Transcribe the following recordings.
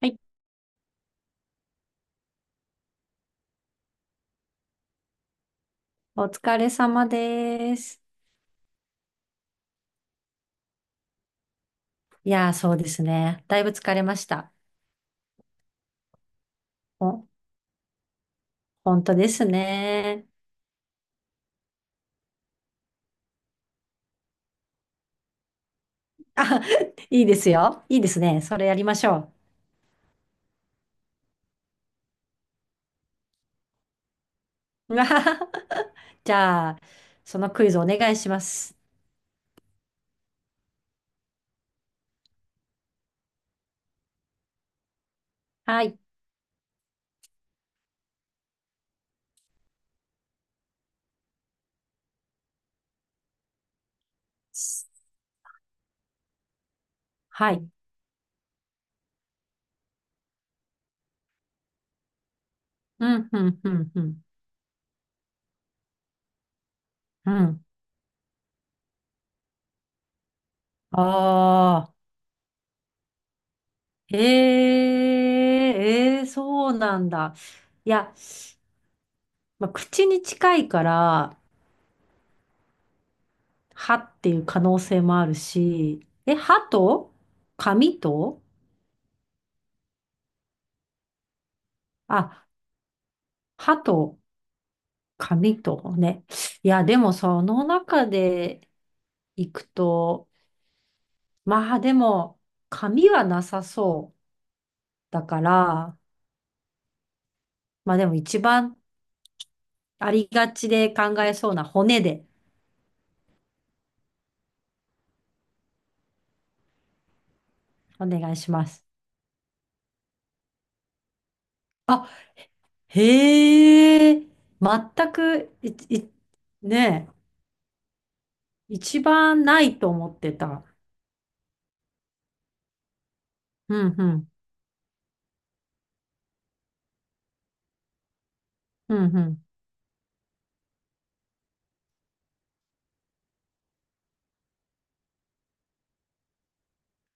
はい、お疲れ様です。いやー、そうですね。だいぶ疲れました。ほ、本当ですね。あ、いいですよ。いいですね。それやりましょう。うわはは。じゃあ、そのクイズお願いします。はい。はい。うん、うん、うん、うん。うん。ああ、へえ、ええ、そうなんだ。いや、まあ、口に近いから、歯っていう可能性もあるし、え、髪とあ、歯と髪とね。いや、でもその中で行くと、まあでも髪はなさそうだから、まあでも一番ありがちで考えそうな骨でお願いします。あ、へえ、全く、い、ねえ、一番ないと思ってた。うんうん、うんうん。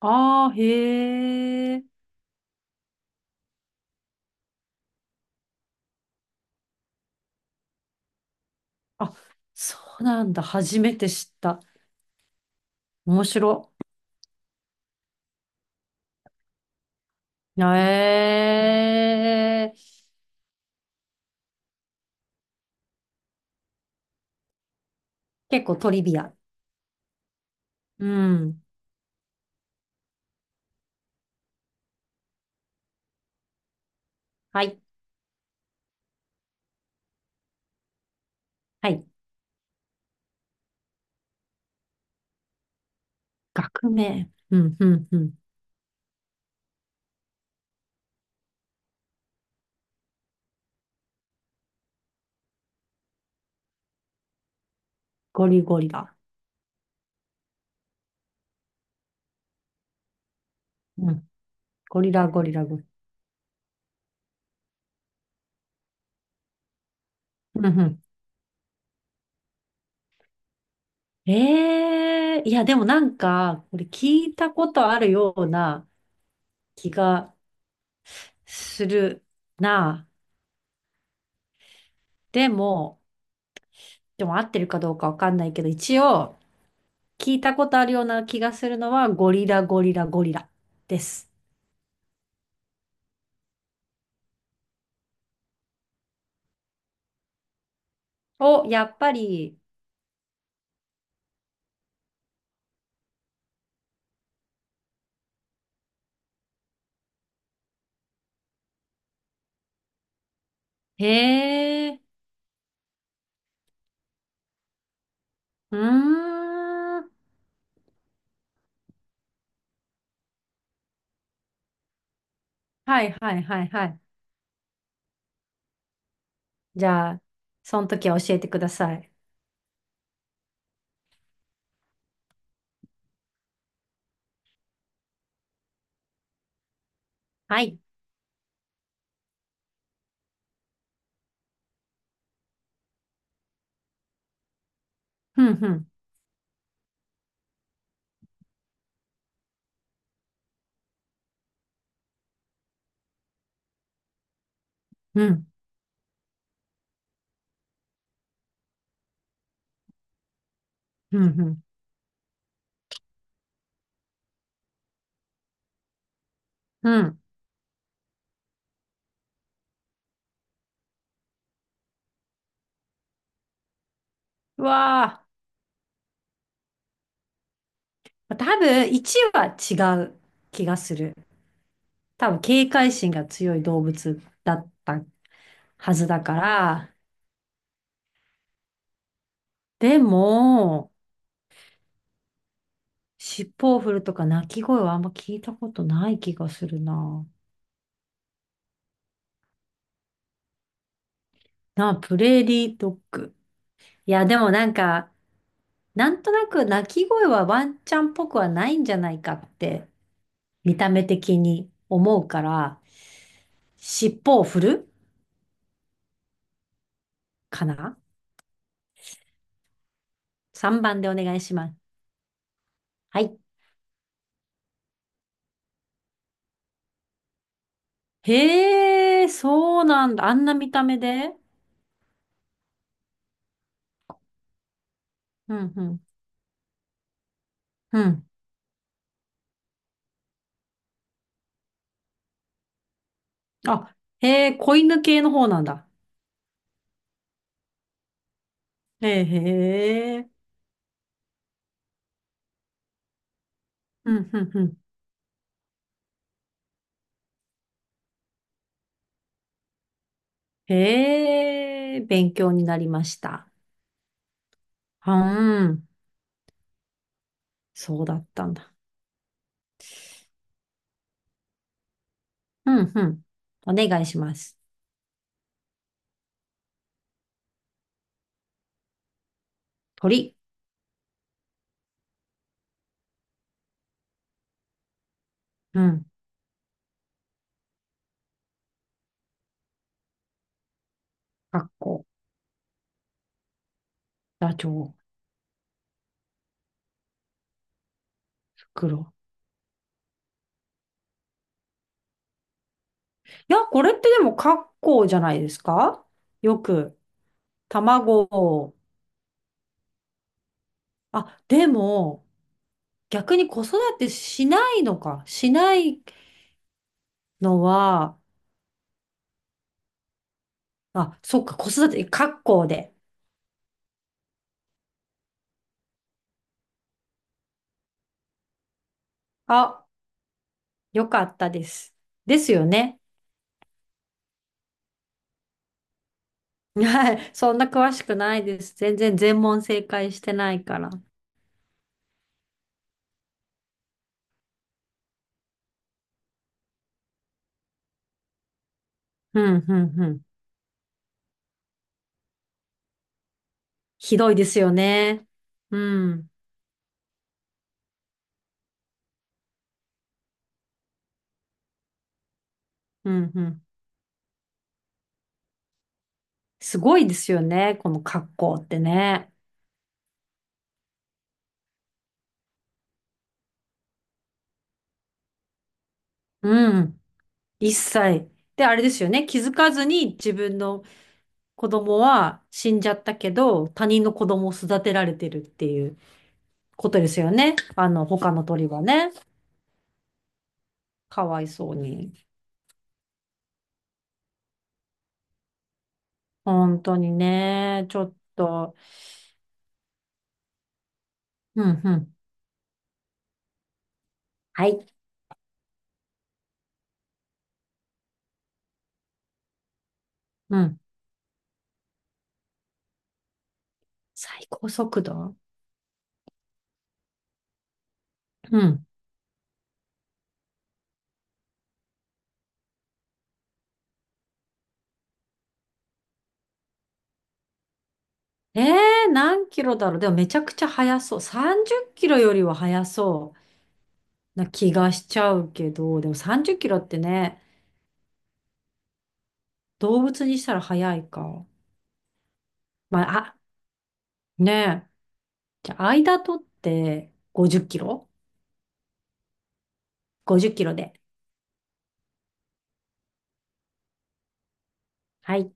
ああ、へえ。あ、そうなんだ。初めて知った。面白。ええ。結構トリビア。うん。はい。はい。学名。うん、うん、うん。ゴリゴリラ。うん。ゴリラ、ゴリラ、ゴリラ。うん、うん。ええ。いや、でもなんか、これ聞いたことあるような気がするな。でも、でも合ってるかどうかわかんないけど、一応、聞いたことあるような気がするのは、ゴリラゴリラゴリラです。お、やっぱり、へえ、うーん。はいはいはいはい。じゃあ、その時は教えてください。はい。ふんふん、うん、ふんふん、うん。うわあ、多分1は違う気がする。多分警戒心が強い動物だったはずだから、でも、尻尾を振るとか鳴き声はあんま聞いたことない気がするな。なあ、プレーリードッグ。いや、でもなんか、なんとなく鳴き声はワンちゃんっぽくはないんじゃないかって、見た目的に思うから、尻尾を振るかな？ 3 番でお願いします。はい。へえ、そうなんだ。あんな見た目で。うん、うん、うん。あ、へえ、子犬系の方なんだ。へえ、へえ。うん、うん、うん。へえ、勉強になりました。うん、そうだったんだ。うん、うん。お願いします。鳥。うん。カッコ、ダチョウ、黒。いや、これってでもカッコじゃないですか？よく、卵を。あ、でも、逆に子育てしないのか。しないのは、あ、そっか、子育て、カッコで。あ、よかったです。ですよね。はい。そんな詳しくないです。全然全問正解してないから。うん、うん、うん。ひどいですよね。うん、うん、うん。すごいですよね。この格好ってね。うん。一切。で、あれですよね。気づかずに自分の子供は死んじゃったけど、他人の子供を育てられてるっていうことですよね。あの、他の鳥はね。かわいそうに。本当にね。ちょっと。うん、うん。はい。うん。最高速度。うん。何キロだろう。でもめちゃくちゃ速そう。30キロよりは速そうな気がしちゃうけど、でも30キロってね、動物にしたら速いか。まあ、あ、ねえ。じゃあ、間取って50キロ？ 50 キロで。はい。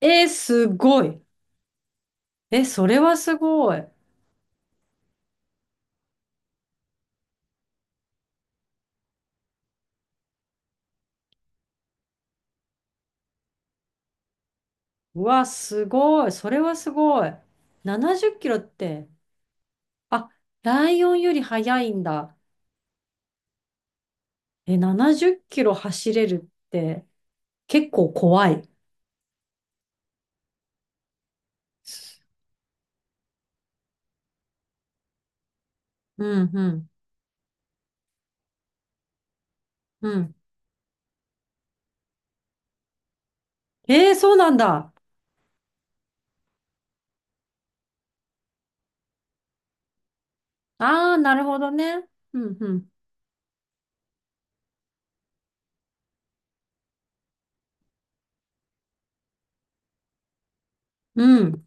えー、すごい。え、それはすごい。うわ、すごい。それはすごい。70キロって、あ、ライオンより速いんだ。え、70キロ走れるって結構怖い。うん、うん、うん。えー、そうなんだ。ああ、なるほどね。うん、うん、うん、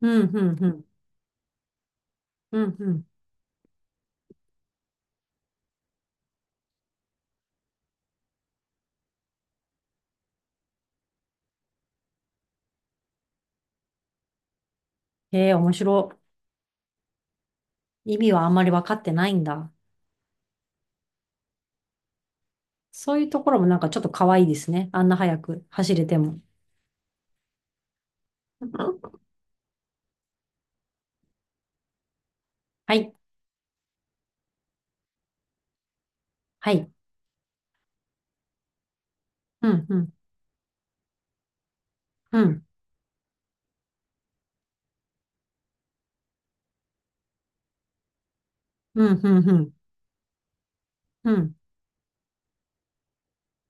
うん、うん、うん、うん。うん。面白い。意味はあんまり分かってないんだ。そういうところもなんかちょっと可愛いですね。あんな早く走れても。はい、はい。うん、うん、うん、うん、うん、うん、うん。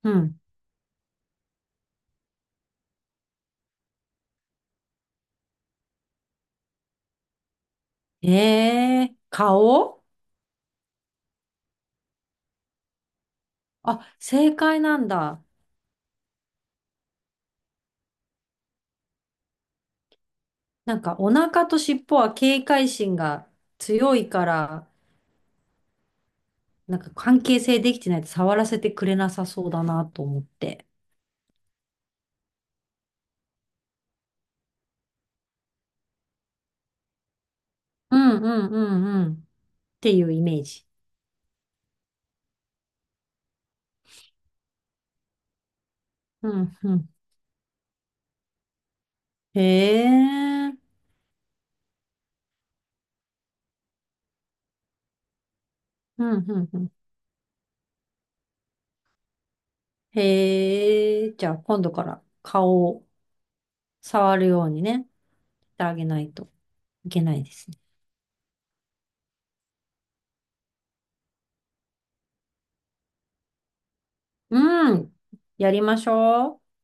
うん。顔。あ、正解なんだ。なんかお腹と尻尾は警戒心が強いから、なんか関係性できてないと触らせてくれなさそうだなと思って。うんうんうんうん。っていうイメージ。うんうん。へえ。うんうんうん。へえ。じゃあ今度から顔を触るようにね、してあげないといけないですね。うん。やりましょう。